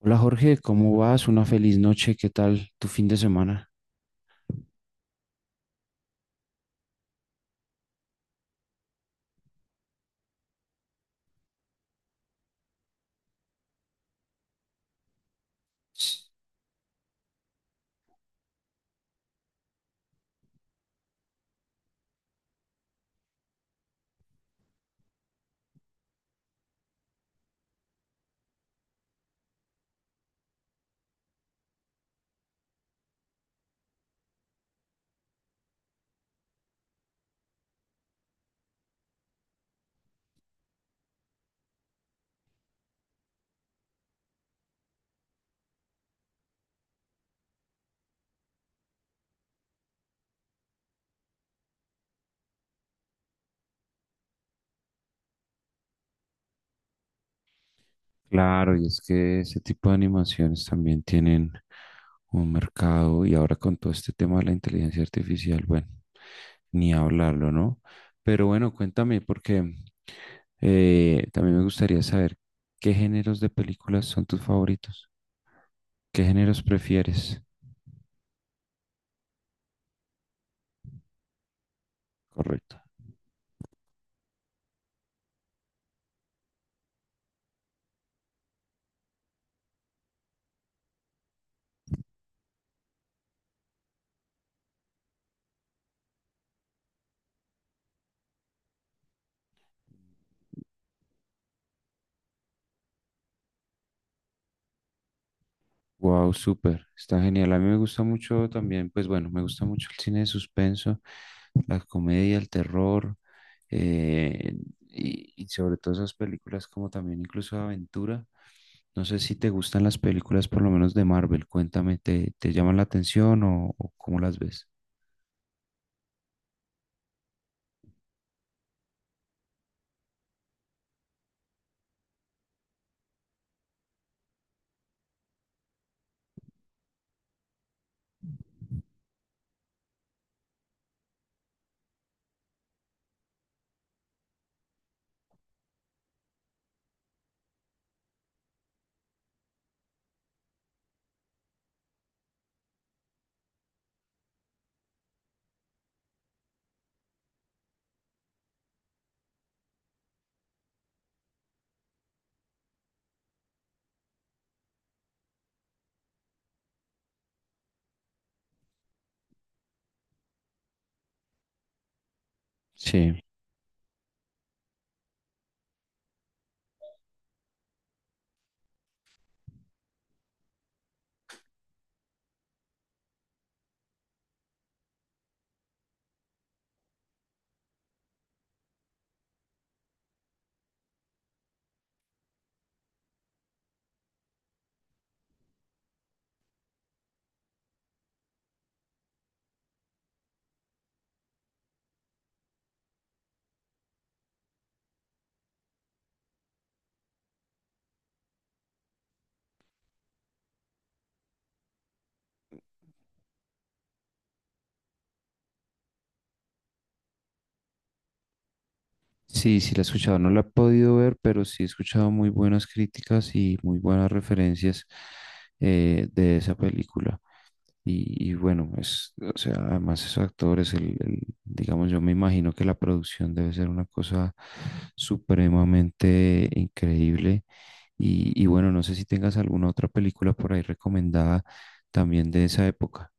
Hola Jorge, ¿cómo vas? Una feliz noche, ¿qué tal tu fin de semana? Claro, y es que ese tipo de animaciones también tienen un mercado y ahora con todo este tema de la inteligencia artificial, bueno, ni hablarlo, ¿no? Pero bueno, cuéntame, porque también me gustaría saber qué géneros de películas son tus favoritos, qué géneros prefieres, correcto. Wow, súper, está genial. A mí me gusta mucho también, pues bueno, me gusta mucho el cine de suspenso, la comedia, el terror, eh, y sobre todo esas películas como también incluso de aventura. No sé si te gustan las películas por lo menos de Marvel, cuéntame, ¿te llaman la atención o cómo las ves? Sí, sí, sí la he escuchado, no la he podido ver, pero sí he escuchado muy buenas críticas y muy buenas referencias de esa película. Y bueno, es, o sea, además esos actores, digamos, yo me imagino que la producción debe ser una cosa supremamente increíble. Y bueno, no sé si tengas alguna otra película por ahí recomendada también de esa época.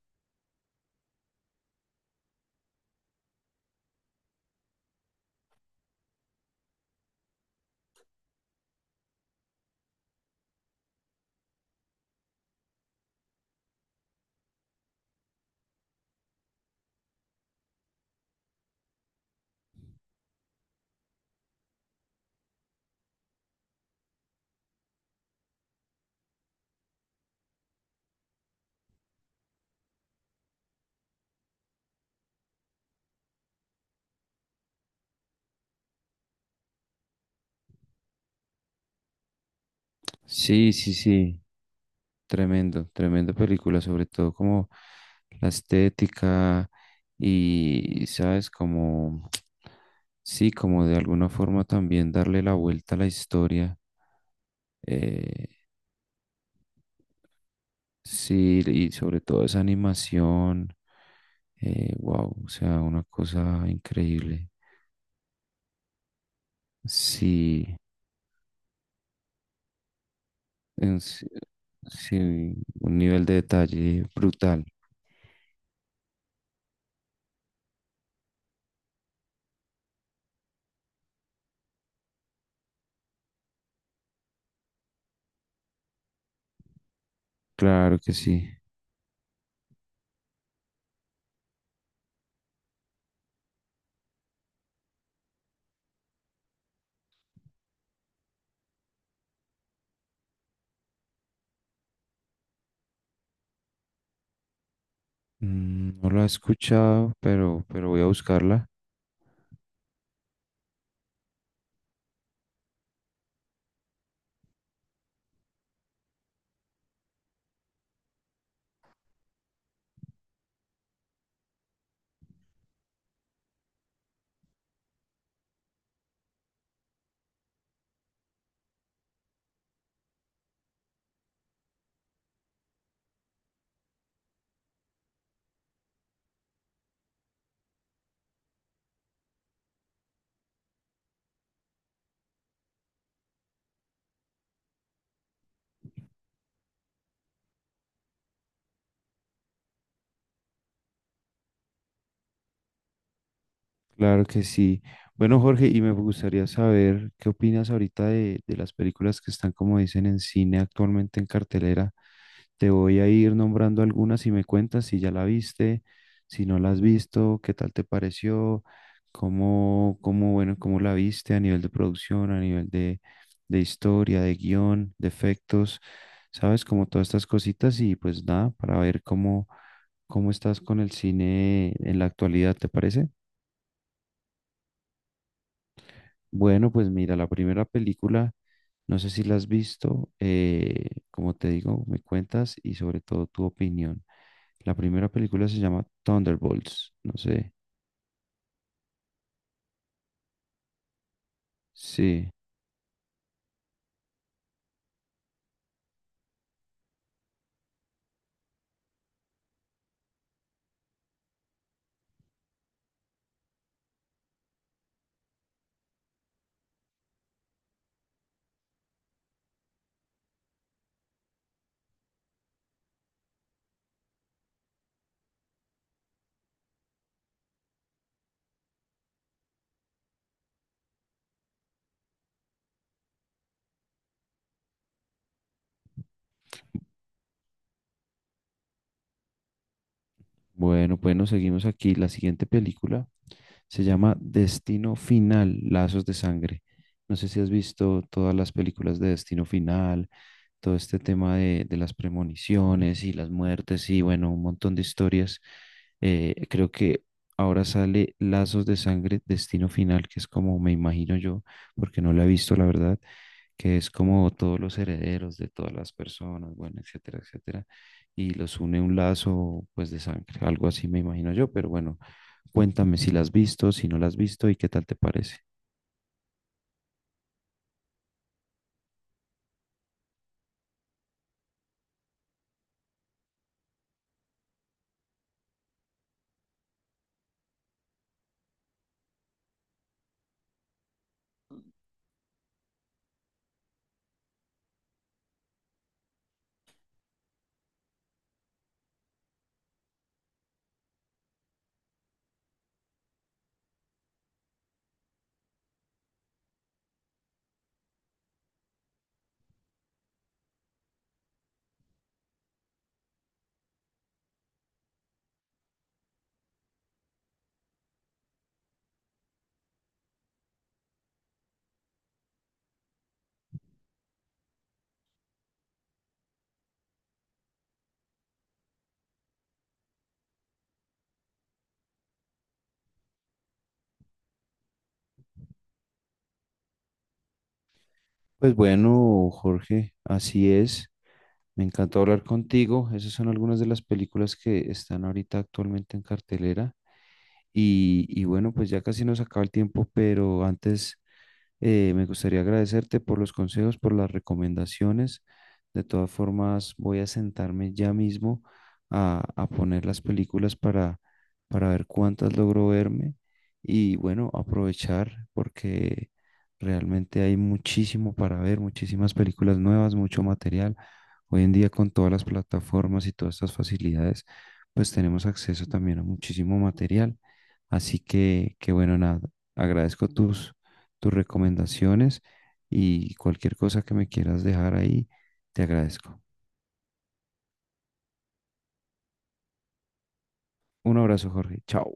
Sí, sí, sí. Tremendo, tremenda película, sobre todo como la estética y, ¿sabes? Como, sí, como de alguna forma también darle la vuelta a la historia. eh, sí, y sobre todo esa animación. Wow, o sea, una cosa increíble. Sí, en sí, sí, un nivel de detalle brutal. Claro que sí. Mm, no la he escuchado, pero voy a buscarla. Claro que sí. Bueno, Jorge, y me gustaría saber qué opinas ahorita de las películas que están, como dicen, en cine actualmente en cartelera. Te voy a ir nombrando algunas y me cuentas si ya la viste, si no la has visto, qué tal te pareció, cómo, cómo, bueno, cómo la viste a nivel de producción, a nivel de historia, de guión, de efectos, sabes, como todas estas cositas y pues nada, para ver cómo, cómo estás con el cine en la actualidad, ¿te parece? Bueno, pues mira, la primera película, no sé si la has visto, como te digo, me cuentas y sobre todo tu opinión. La primera película se llama Thunderbolts, no sé. Sí, bueno, bueno, seguimos aquí. La siguiente película se llama Destino Final, Lazos de Sangre. No sé si has visto todas las películas de Destino Final, todo este tema de las premoniciones y las muertes y bueno, un montón de historias. Creo que ahora sale Lazos de Sangre, Destino Final, que es como me imagino yo, porque no la he visto, la verdad, que es como todos los herederos de todas las personas, bueno, etcétera, etcétera, y los une un lazo pues de sangre, algo así me imagino yo, pero bueno, cuéntame si la has visto, si no la has visto y qué tal te parece. Pues bueno, Jorge, así es. Me encantó hablar contigo. Esas son algunas de las películas que están ahorita actualmente en cartelera. Y bueno, pues ya casi nos acaba el tiempo, pero antes me gustaría agradecerte por los consejos, por las recomendaciones. De todas formas, voy a sentarme ya mismo a poner las películas para ver cuántas logro verme y bueno, aprovechar porque realmente hay muchísimo para ver, muchísimas películas nuevas, mucho material. Hoy en día con todas las plataformas y todas estas facilidades, pues tenemos acceso también a muchísimo material. Así que bueno, nada, agradezco tus tus recomendaciones y cualquier cosa que me quieras dejar ahí, te agradezco. Un abrazo, Jorge. Chao.